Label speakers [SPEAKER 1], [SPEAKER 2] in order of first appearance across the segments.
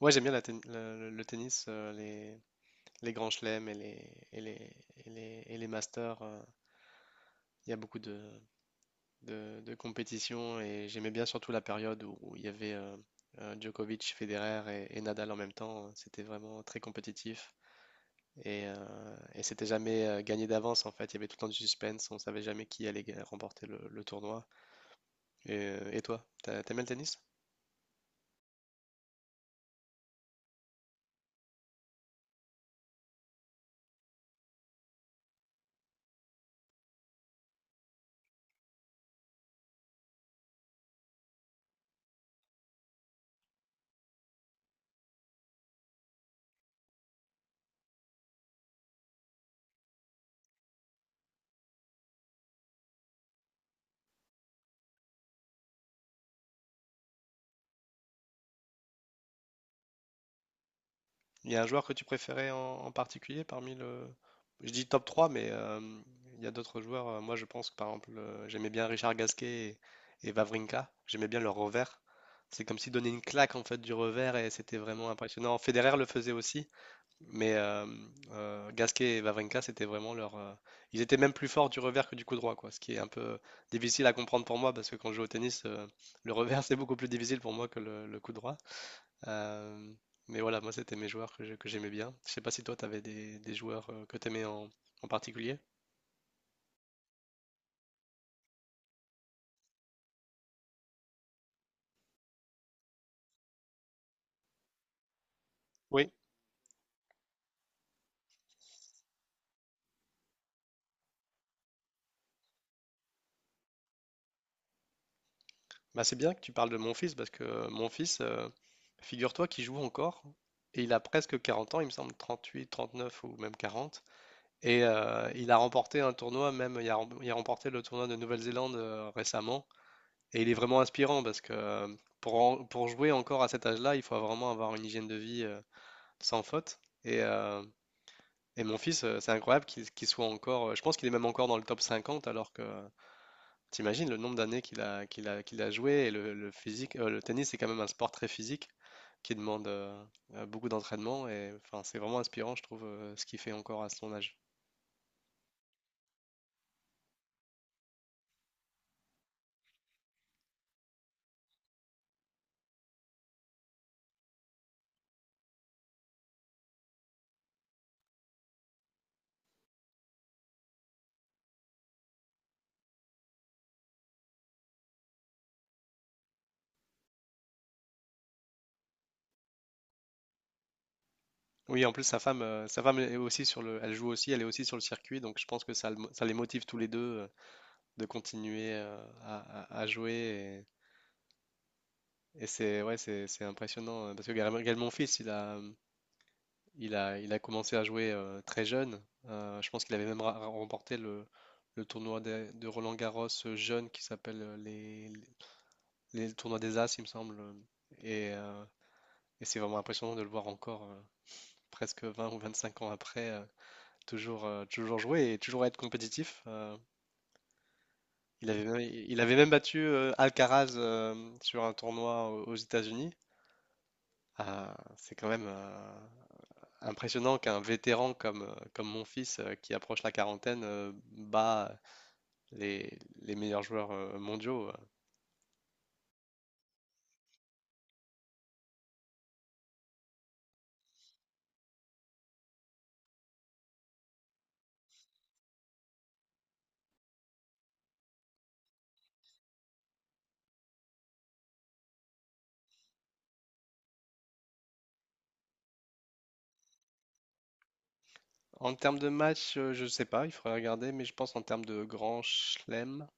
[SPEAKER 1] Ouais, j'aime bien la ten- le tennis, les grands chelems et les masters. Il y a beaucoup de compétitions et j'aimais bien surtout la période où il y avait Djokovic, Federer et Nadal en même temps. C'était vraiment très compétitif et c'était jamais gagné d'avance en fait. Il y avait tout le temps du suspense, on savait jamais qui allait remporter le tournoi. Et toi, t'aimes bien le tennis? Il y a un joueur que tu préférais en particulier parmi le... Je dis top 3 mais il y a d'autres joueurs. Moi, je pense que par exemple, j'aimais bien Richard Gasquet et Wawrinka. J'aimais bien leur revers. C'est comme s'ils donnaient une claque en fait du revers et c'était vraiment impressionnant. Federer le faisait aussi, mais Gasquet et Wawrinka, c'était vraiment leur. Ils étaient même plus forts du revers que du coup droit, quoi. Ce qui est un peu difficile à comprendre pour moi parce que quand je joue au tennis, le revers c'est beaucoup plus difficile pour moi que le coup droit. Euh, mais voilà, moi, c'était mes joueurs que j'aimais bien. Je sais pas si toi, t'avais des joueurs que t'aimais en particulier. Oui, bah, c'est bien que tu parles de mon fils parce que mon fils, figure-toi qu'il joue encore et il a presque 40 ans, il me semble 38, 39 ou même 40. Et il a remporté un tournoi, même il a remporté le tournoi de Nouvelle-Zélande récemment. Et il est vraiment inspirant parce que pour jouer encore à cet âge-là, il faut vraiment avoir une hygiène de vie sans faute. Et, euh, Et mon fils, c'est incroyable qu'il soit encore. Je pense qu'il est même encore dans le top 50, alors que t'imagines le nombre d'années qu'il a joué. Et le physique, le tennis, c'est quand même un sport très physique qui demande beaucoup d'entraînement. Et enfin, c'est vraiment inspirant, je trouve, ce qu'il fait encore à son âge. Oui, en plus, sa femme est aussi elle joue aussi, elle est aussi sur le circuit, donc je pense que ça les motive tous les deux de continuer à jouer. Et c'est, ouais, c'est impressionnant parce que également mon fils, il a commencé à jouer très jeune. Je pense qu'il avait même remporté le tournoi de Roland-Garros jeune qui s'appelle les tournois des As, il me semble. Et, euh, et c'est vraiment impressionnant de le voir encore presque 20 ou 25 ans après, toujours jouer et toujours être compétitif. Il avait même battu Alcaraz sur un tournoi aux États-Unis. Ah, c'est quand même, impressionnant qu'un vétéran comme mon fils qui approche la quarantaine bat les meilleurs joueurs mondiaux. En termes de match, je ne sais pas, il faudrait regarder, mais je pense en termes de grand chelem,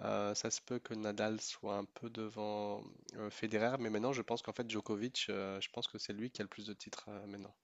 [SPEAKER 1] ça se peut que Nadal soit un peu devant Federer, mais maintenant je pense qu'en fait Djokovic, je pense que c'est lui qui a le plus de titres maintenant.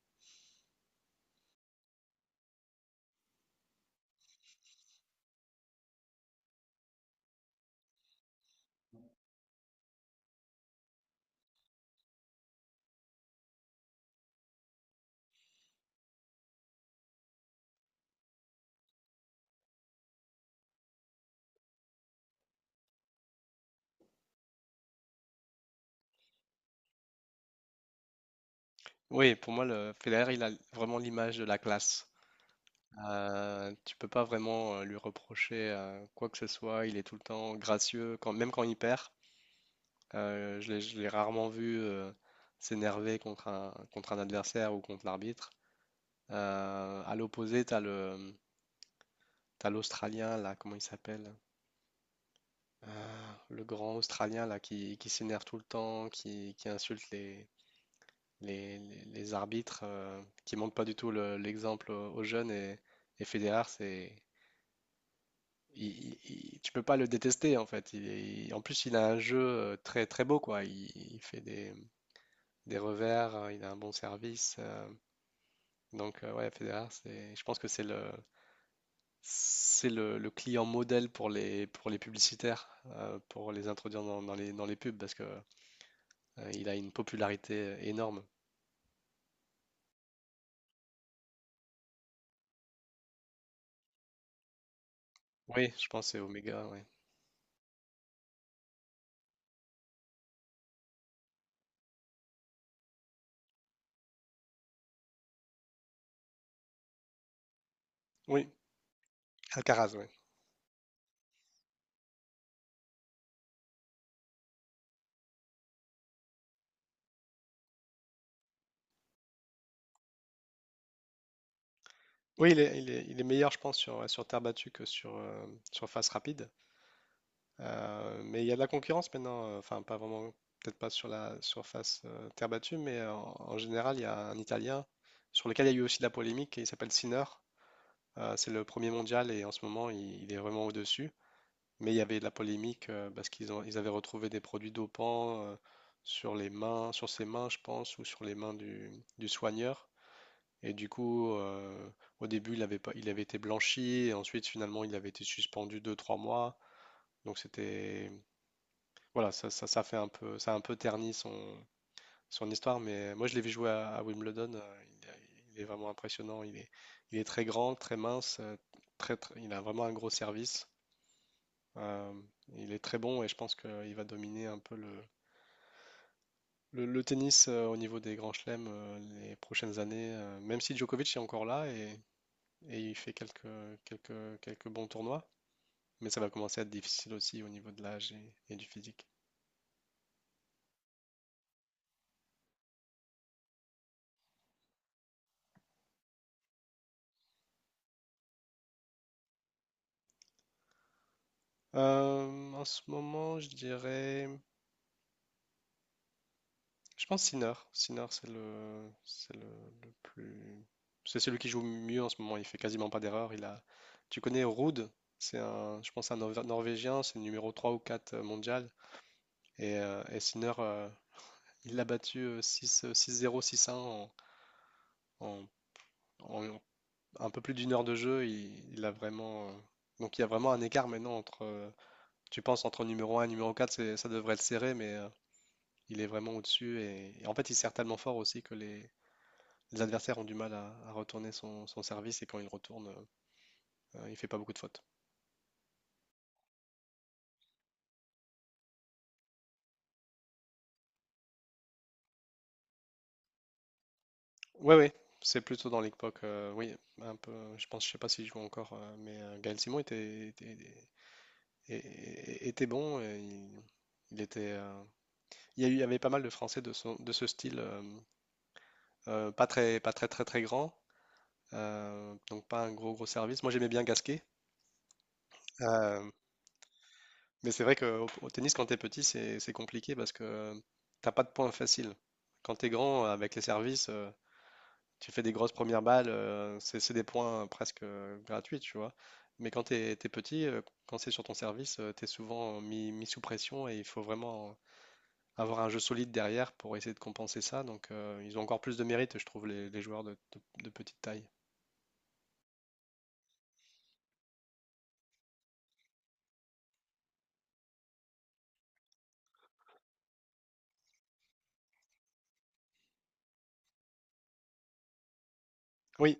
[SPEAKER 1] Oui, pour moi, le Federer, il a vraiment l'image de la classe. Tu peux pas vraiment lui reprocher quoi que ce soit. Il est tout le temps gracieux, même quand il perd. Je l'ai rarement vu s'énerver contre un adversaire ou contre l'arbitre. À l'opposé, t'as l'Australien, là, comment il s'appelle? Le grand Australien, là, qui s'énerve tout le temps, qui insulte les arbitres, qui montre pas du tout l'exemple aux jeunes. Et Federer, c'est, il- il- il- tu peux pas le détester, en fait. En plus, il a un jeu très, très beau, quoi. Il fait des revers, il a un bon service. Donc, ouais, Federer, je pense que c'est le client modèle pour les publicitaires, pour les introduire dans les pubs, parce que il a une popularité énorme. Oui, je pense que c'est Omega, ouais. Oui, Alcaraz, oui. Oui, il est meilleur, je pense, sur terre battue que sur face rapide. Mais il y a de la concurrence maintenant, enfin, pas vraiment, peut-être pas sur la surface terre battue, mais en général, il y a un Italien sur lequel il y a eu aussi de la polémique et il s'appelle Sinner. C'est le premier mondial et en ce moment, il est vraiment au-dessus. Mais il y avait de la polémique parce ils avaient retrouvé des produits dopants sur les mains, sur ses mains, je pense, ou sur les mains du soigneur. Et du coup, au début, il avait pas, il avait été blanchi et ensuite, finalement, il avait été suspendu deux trois mois. Donc c'était, voilà, ça a un peu terni son histoire, mais moi je l'ai vu jouer à Wimbledon. Il est vraiment impressionnant. Il est très grand, très mince, il a vraiment un gros service. Euh, il est très bon et je pense qu'il va dominer un peu le tennis au niveau des grands chelems les prochaines années, même si Djokovic est encore là et il fait quelques bons tournois, mais ça va commencer à être difficile aussi au niveau de l'âge et du physique. En ce moment, je dirais. Je pense Sinard. Sinard, c'est le plus. C'est celui qui joue mieux en ce moment. Il fait quasiment pas d'erreur. Il a... Tu connais Ruud? C'est un, je pense, un Norvégien. C'est le numéro 3 ou 4 mondial. Et Sinard, il l'a battu 6, 6-0, 6-1 en- en un peu plus d'une heure de jeu. Il a vraiment. Donc il y a vraiment un écart maintenant entre. Tu penses entre numéro un et numéro 4. Ça devrait être serré, mais il est vraiment au-dessus. Et en fait, il sert tellement fort aussi que les adversaires ont du mal à retourner son service et quand il retourne, il fait pas beaucoup de fautes. Ouais, ouais, c'est plutôt dans l'époque, oui, un peu. Je pense, je sais pas s'il joue encore, mais Gaël Simon était bon. Et il était, il y avait pas mal de Français de ce style, pas très, très, très grand, donc pas un gros, gros service. Moi, j'aimais bien Gasquet, euh, mais c'est vrai qu'au au tennis, quand t'es petit, c'est compliqué parce que t'as pas de points faciles. Quand t'es grand, avec les services, tu fais des grosses premières balles, c'est des points presque gratuits, tu vois. Mais quand t'es petit, quand c'est sur ton service, tu t'es souvent mis sous pression et il faut vraiment avoir un jeu solide derrière pour essayer de compenser ça. Donc ils ont encore plus de mérite, je trouve, les joueurs de petite taille. Oui,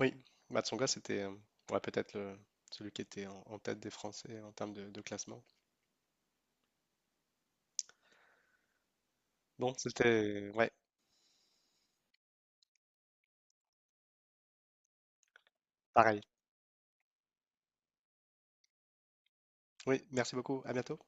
[SPEAKER 1] oui. Matsonga, c'était ouais, peut-être celui qui était en tête des Français en termes de classement. Bon, c'était... Ouais, pareil. Oui, merci beaucoup. À bientôt.